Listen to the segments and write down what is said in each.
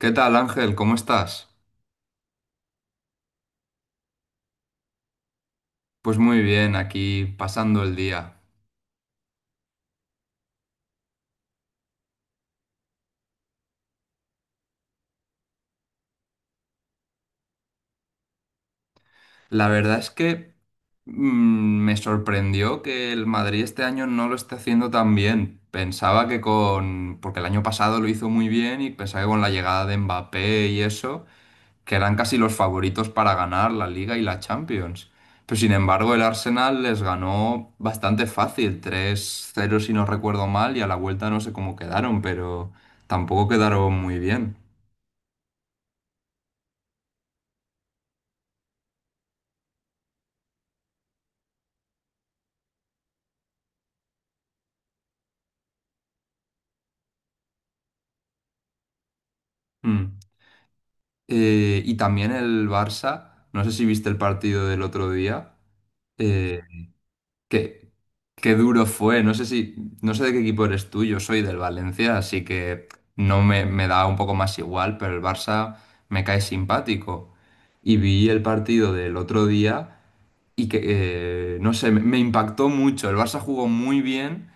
¿Qué tal, Ángel? ¿Cómo estás? Pues muy bien, aquí pasando el día. La verdad es que me sorprendió que el Madrid este año no lo esté haciendo tan bien. Pensaba que porque el año pasado lo hizo muy bien y pensaba que con la llegada de Mbappé y eso, que eran casi los favoritos para ganar la Liga y la Champions. Pero sin embargo, el Arsenal les ganó bastante fácil, 3-0 si no recuerdo mal, y a la vuelta no sé cómo quedaron, pero tampoco quedaron muy bien. Mm. Y también el Barça, no sé si viste el partido del otro día, eh, que, qué duro fue, no sé de qué equipo eres tú, yo soy del Valencia, así que no me da un poco más igual, pero el Barça me cae simpático. Y vi el partido del otro día y que, no sé, me impactó mucho, el Barça jugó muy bien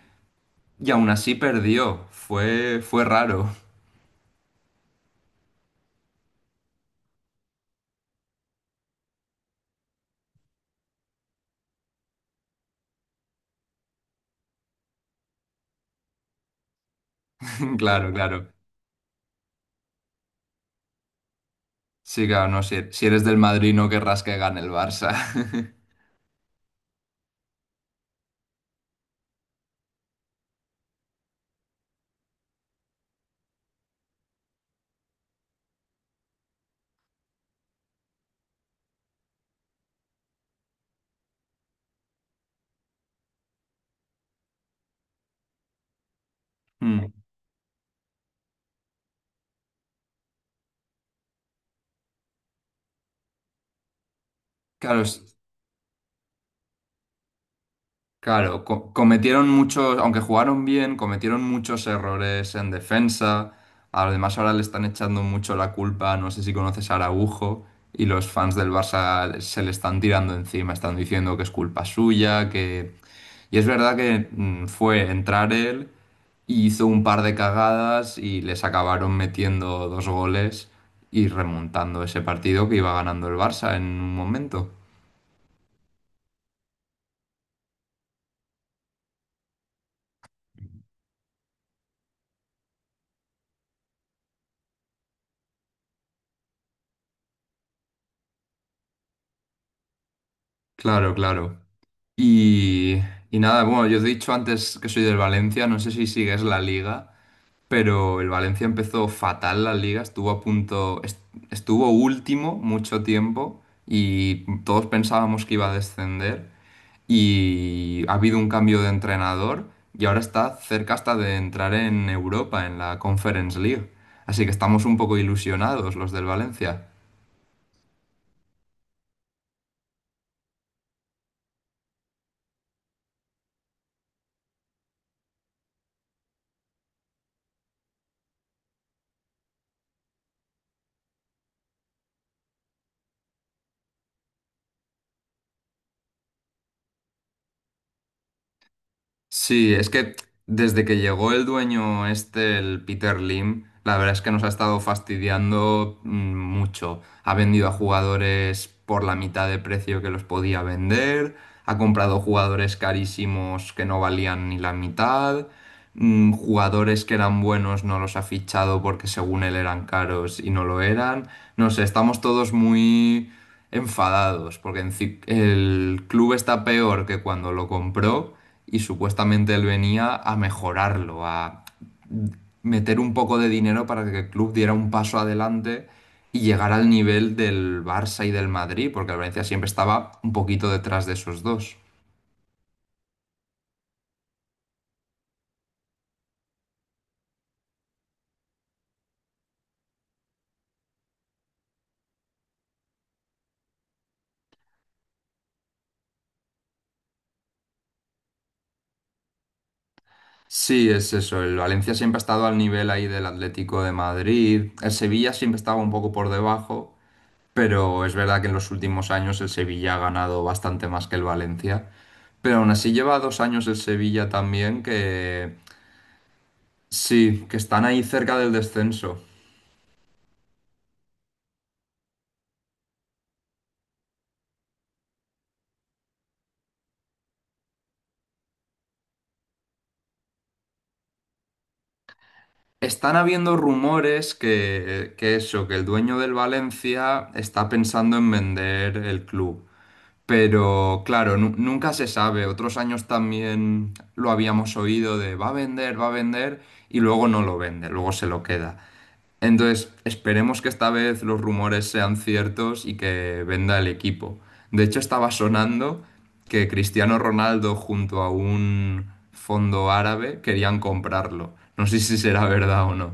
y aún así perdió, fue raro. Claro, claro. Sí, claro, no, si eres del Madrid no querrás que gane el Barça. Mm. Claro, es- claro, cometieron muchos, aunque jugaron bien, cometieron muchos errores en defensa. Además, ahora le están echando mucho la culpa, no sé si conoces a Araujo, y los fans del Barça se le están tirando encima, están diciendo que es culpa suya. Que Y es verdad que, fue entrar él, hizo un par de cagadas y les acabaron metiendo dos goles y remontando ese partido que iba ganando el Barça en un momento. Claro, claro. Y, y nada, bueno, yo te he dicho antes que soy del Valencia, no sé si sigues la liga, pero el Valencia empezó fatal la liga, estuvo a punto, estuvo último mucho tiempo y todos pensábamos que iba a descender. Y ha habido un cambio de entrenador y ahora está cerca hasta de entrar en Europa, en la Conference League. Así que estamos un poco ilusionados los del Valencia. Sí, es que desde que llegó el dueño este, el Peter Lim, la verdad es que nos ha estado fastidiando mucho. Ha vendido a jugadores por la mitad de precio que los podía vender, ha comprado jugadores carísimos que no valían ni la mitad. Jugadores que eran buenos no los ha fichado porque según él eran caros y no lo eran. No sé, estamos todos muy enfadados porque el club está peor que cuando lo compró y supuestamente él venía a mejorarlo, a meter un poco de dinero para que el club diera un paso adelante y llegara al nivel del Barça y del Madrid, porque el Valencia siempre estaba un poquito detrás de esos dos. Sí, es eso. El Valencia siempre ha estado al nivel ahí del Atlético de Madrid. El Sevilla siempre estaba un poco por debajo, pero es verdad que en los últimos años el Sevilla ha ganado bastante más que el Valencia. Pero aún así lleva 2 años el Sevilla también que sí, que están ahí cerca del descenso. Están habiendo rumores, que eso, que el dueño del Valencia está pensando en vender el club. Pero claro, nunca se sabe. Otros años también lo habíamos oído de va a vender y luego no lo vende, luego se lo queda. Entonces, esperemos que esta vez los rumores sean ciertos y que venda el equipo. De hecho, estaba sonando que Cristiano Ronaldo junto a un fondo árabe querían comprarlo. No sé si será verdad o no.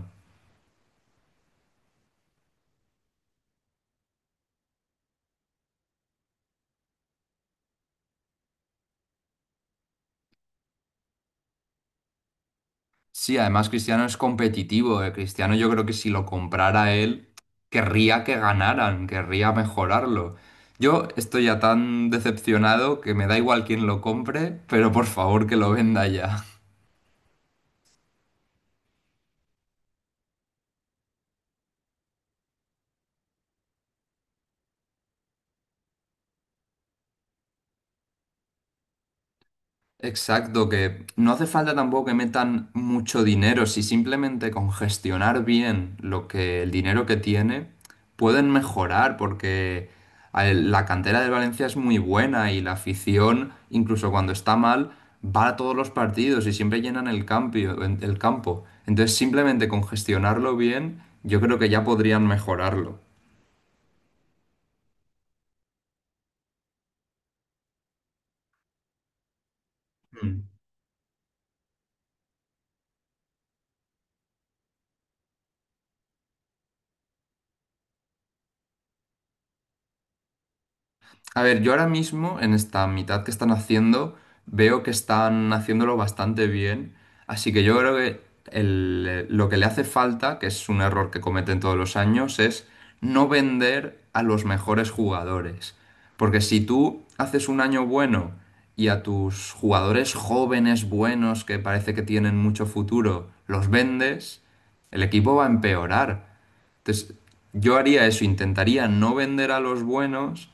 Sí, además Cristiano es competitivo. Cristiano yo creo que si lo comprara él, querría que ganaran, querría mejorarlo. Yo estoy ya tan decepcionado que me da igual quién lo compre, pero por favor que lo venda ya. Exacto, que no hace falta tampoco que metan mucho dinero, si simplemente con gestionar bien lo que el dinero que tiene pueden mejorar, porque a la cantera del Valencia es muy buena y la afición, incluso cuando está mal, va a todos los partidos y siempre llenan el el campo. Entonces, simplemente con gestionarlo bien, yo creo que ya podrían mejorarlo. Mm. A ver, yo ahora mismo, en esta mitad que están haciendo, veo que están haciéndolo bastante bien. Así que yo creo que lo que le hace falta, que es un error que cometen todos los años, es no vender a los mejores jugadores. Porque si tú haces un año bueno y a tus jugadores jóvenes, buenos, que parece que tienen mucho futuro, los vendes, el equipo va a empeorar. Entonces, yo haría eso, intentaría no vender a los buenos,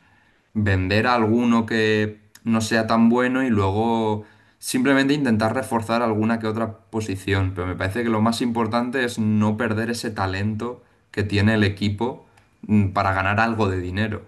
vender a alguno que no sea tan bueno y luego simplemente intentar reforzar alguna que otra posición. Pero me parece que lo más importante es no perder ese talento que tiene el equipo, para ganar algo de dinero.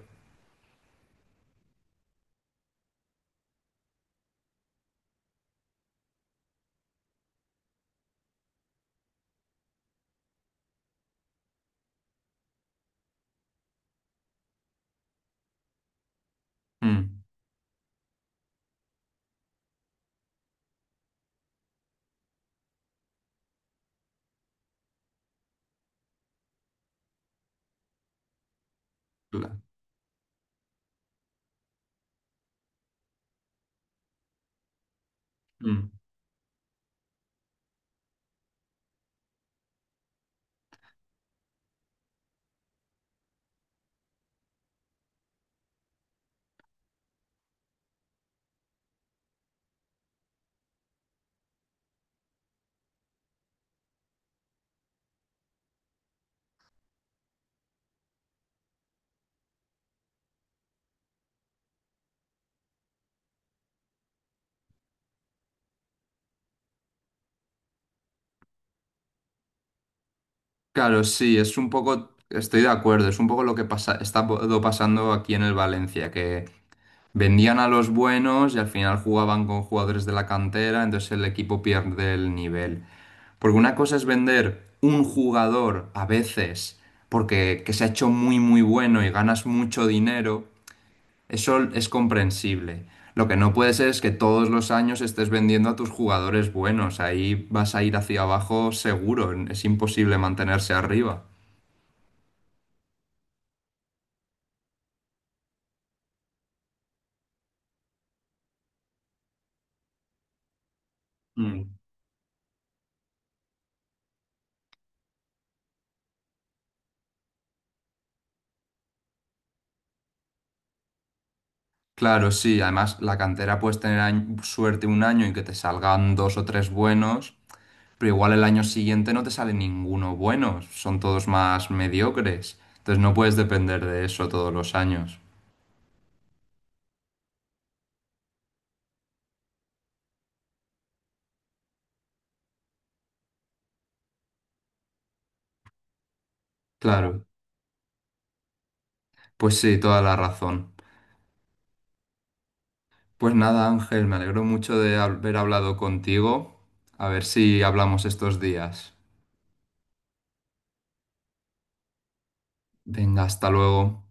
Mm. cla- mm. Claro, sí, es un poco, estoy de acuerdo, es un poco lo que pasa, está pasando aquí en el Valencia, que vendían a los buenos y al final jugaban con jugadores de la cantera, entonces el equipo pierde el nivel. Porque una cosa es vender un jugador a veces porque que se ha hecho muy muy bueno y ganas mucho dinero, eso es comprensible. Lo que no puede ser es que todos los años estés vendiendo a tus jugadores buenos, ahí vas a ir hacia abajo seguro, es imposible mantenerse arriba. Mm. Claro, sí, además la cantera puedes tener suerte un año y que te salgan dos o tres buenos, pero igual el año siguiente no te sale ninguno bueno, son todos más mediocres, entonces no puedes depender de eso todos los años. Claro, pues sí, toda la razón. Pues nada, Ángel, me alegro mucho de haber hablado contigo, a ver si hablamos estos días. Venga, hasta luego.